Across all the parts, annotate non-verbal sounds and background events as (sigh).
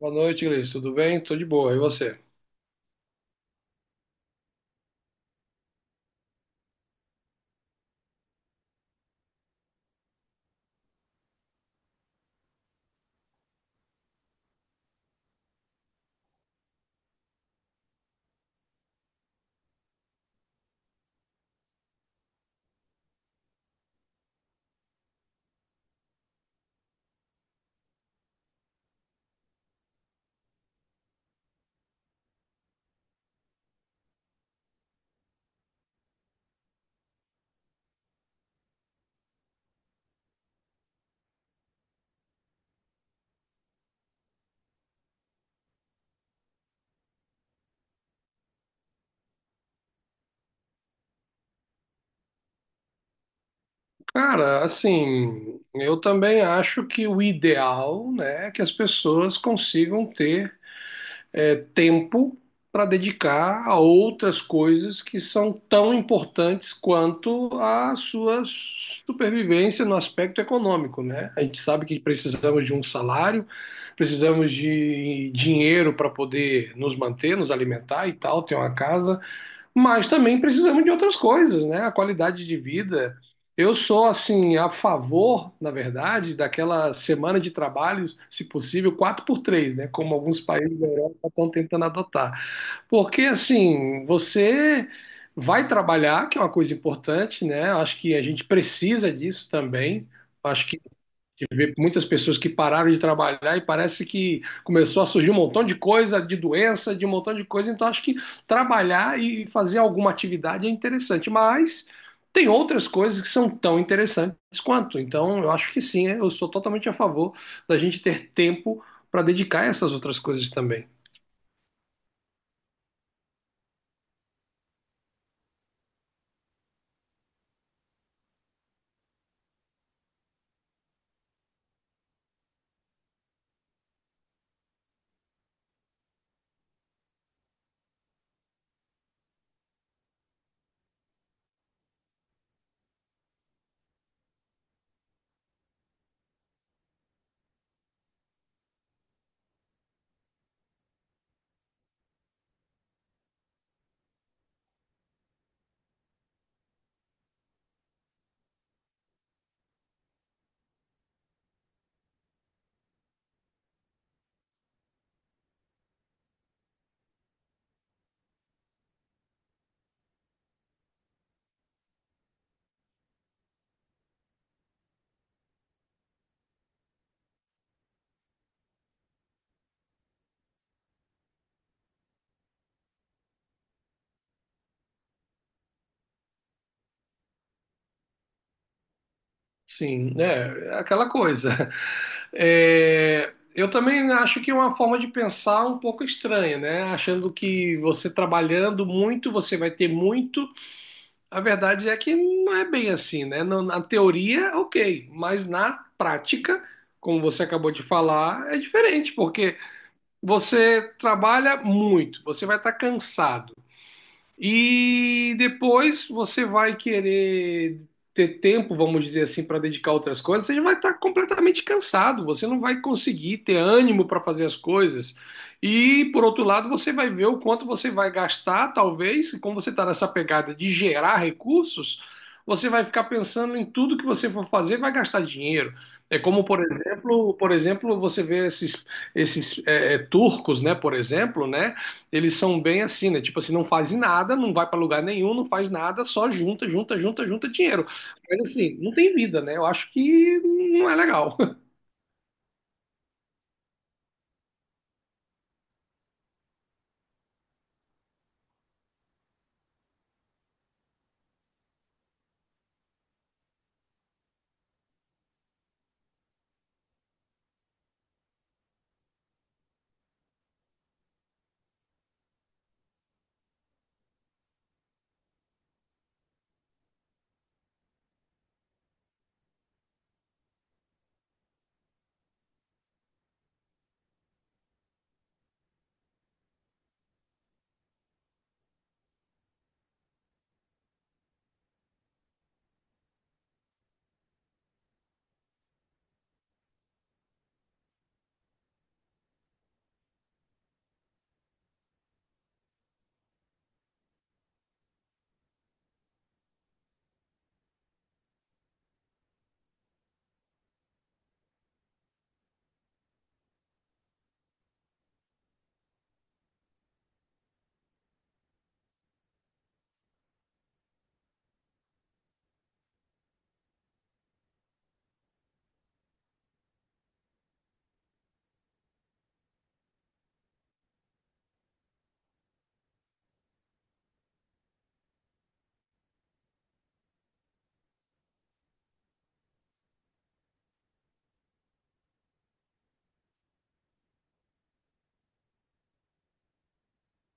Boa noite, Gleice. Tudo bem? Tô de boa. E você? Cara, assim, eu também acho que o ideal, né, é que as pessoas consigam ter tempo para dedicar a outras coisas que são tão importantes quanto a sua supervivência no aspecto econômico, né? A gente sabe que precisamos de um salário, precisamos de dinheiro para poder nos manter, nos alimentar e tal, ter uma casa. Mas também precisamos de outras coisas, né? A qualidade de vida. Eu sou, assim, a favor, na verdade, daquela semana de trabalho, se possível, 4 por 3, né? Como alguns países da Europa estão tentando adotar. Porque, assim, você vai trabalhar, que é uma coisa importante, né? Acho que a gente precisa disso também. Acho gente vê muitas pessoas que pararam de trabalhar e parece que começou a surgir um montão de coisa, de doença, de um montão de coisa. Então, acho que trabalhar e fazer alguma atividade é interessante, mas tem outras coisas que são tão interessantes quanto. Então, eu acho que sim, eu sou totalmente a favor da gente ter tempo para dedicar a essas outras coisas também. Sim, é, é aquela coisa. (laughs) É, eu também acho que é uma forma de pensar um pouco estranha, né? Achando que você trabalhando muito, você vai ter muito. A verdade é que não é bem assim, né? Na teoria, ok, mas na prática, como você acabou de falar, é diferente, porque você trabalha muito, você vai estar cansado. E depois você vai querer ter tempo, vamos dizer assim, para dedicar a outras coisas, você já vai estar completamente cansado, você não vai conseguir ter ânimo para fazer as coisas. E por outro lado, você vai ver o quanto você vai gastar, talvez, e como você está nessa pegada de gerar recursos, você vai ficar pensando em tudo que você for fazer, vai gastar dinheiro. É como, por exemplo, você vê esses turcos, né, por exemplo, né? Eles são bem assim, né? Tipo assim, não faz nada, não vai pra lugar nenhum, não faz nada, só junta, junta, junta, junta dinheiro. Mas assim, não tem vida, né? Eu acho que não é legal. (laughs)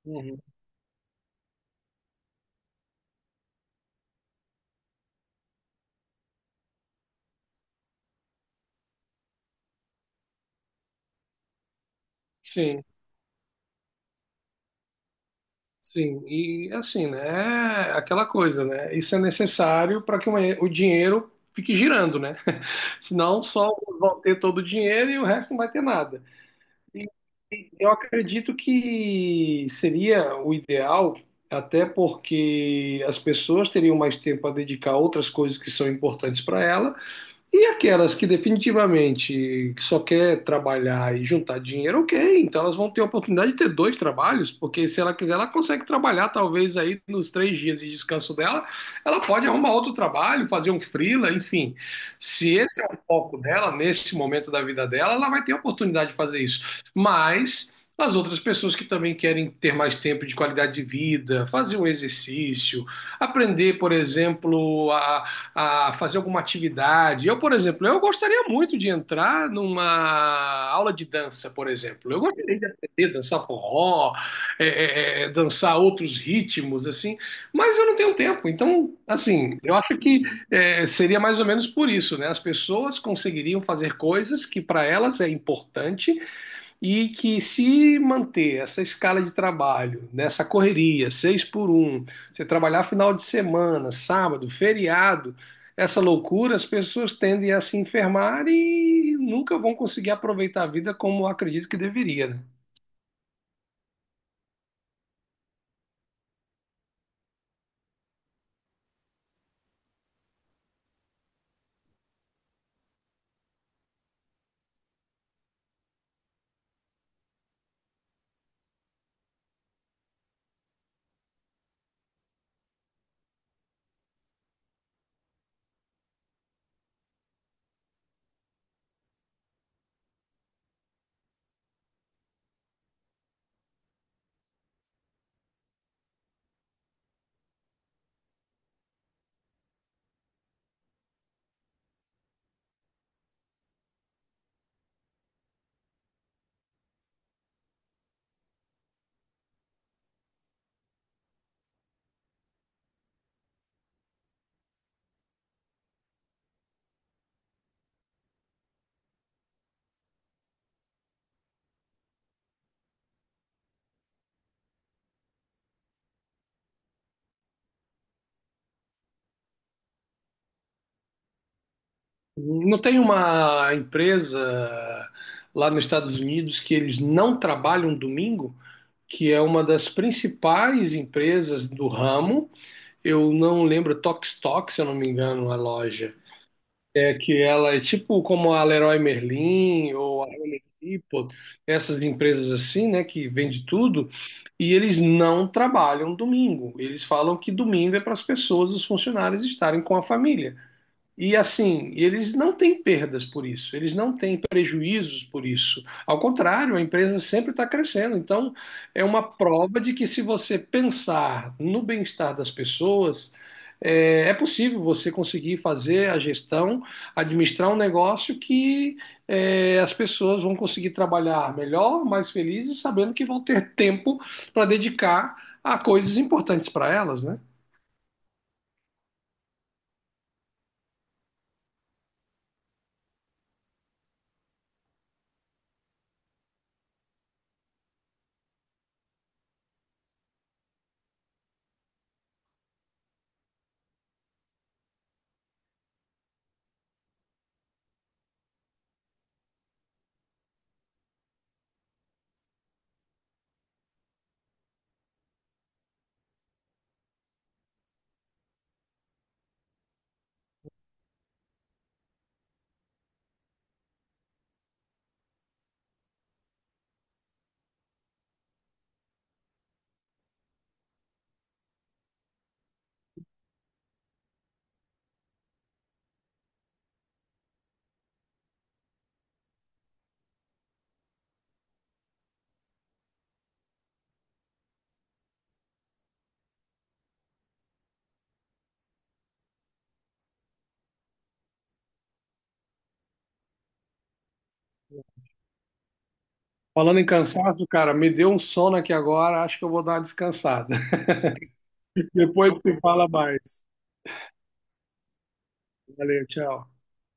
Uhum. Sim, sim. E assim, né? É aquela coisa, né? Isso é necessário para que uma o dinheiro fique girando, né? (laughs) Senão só vão ter todo o dinheiro e o resto não vai ter nada. E- Eu acredito que seria o ideal, até porque as pessoas teriam mais tempo a dedicar a outras coisas que são importantes para ela. E aquelas que definitivamente só quer trabalhar e juntar dinheiro, ok. Então elas vão ter a oportunidade de ter dois trabalhos, porque se ela quiser, ela consegue trabalhar talvez aí nos 3 dias de descanso dela, ela pode arrumar outro trabalho, fazer um freela, enfim. Se esse é o foco dela, nesse momento da vida dela, ela vai ter a oportunidade de fazer isso. Mas as outras pessoas que também querem ter mais tempo de qualidade de vida, fazer um exercício, aprender, por exemplo, a fazer alguma atividade. Eu, por exemplo, eu gostaria muito de entrar numa aula de dança, por exemplo. Eu gostaria de aprender a dançar forró, dançar outros ritmos, assim, mas eu não tenho tempo. Então, assim, eu acho que seria mais ou menos por isso, né? As pessoas conseguiriam fazer coisas que para elas é importante e que se manter essa escala de trabalho, nessa correria, seis por um, você trabalhar final de semana, sábado, feriado, essa loucura, as pessoas tendem a se enfermar e nunca vão conseguir aproveitar a vida como eu acredito que deveria, né? Não tem uma empresa lá nos Estados Unidos que eles não trabalham domingo, que é uma das principais empresas do ramo. Eu não lembro Tox Tox, se eu não me engano, a loja. É que ela é tipo como a Leroy Merlin ou a Home Depot, essas empresas assim, né, que vende tudo, e eles não trabalham domingo. Eles falam que domingo é para as pessoas, os funcionários estarem com a família. E assim, eles não têm perdas por isso, eles não têm prejuízos por isso. Ao contrário, a empresa sempre está crescendo. Então, é uma prova de que se você pensar no bem-estar das pessoas, é possível você conseguir fazer a gestão, administrar um negócio que as pessoas vão conseguir trabalhar melhor, mais felizes, sabendo que vão ter tempo para dedicar a coisas importantes para elas, né? Falando em cansaço, cara, me deu um sono aqui agora, acho que eu vou dar uma descansada. (laughs) Depois se fala mais. Valeu, tchau.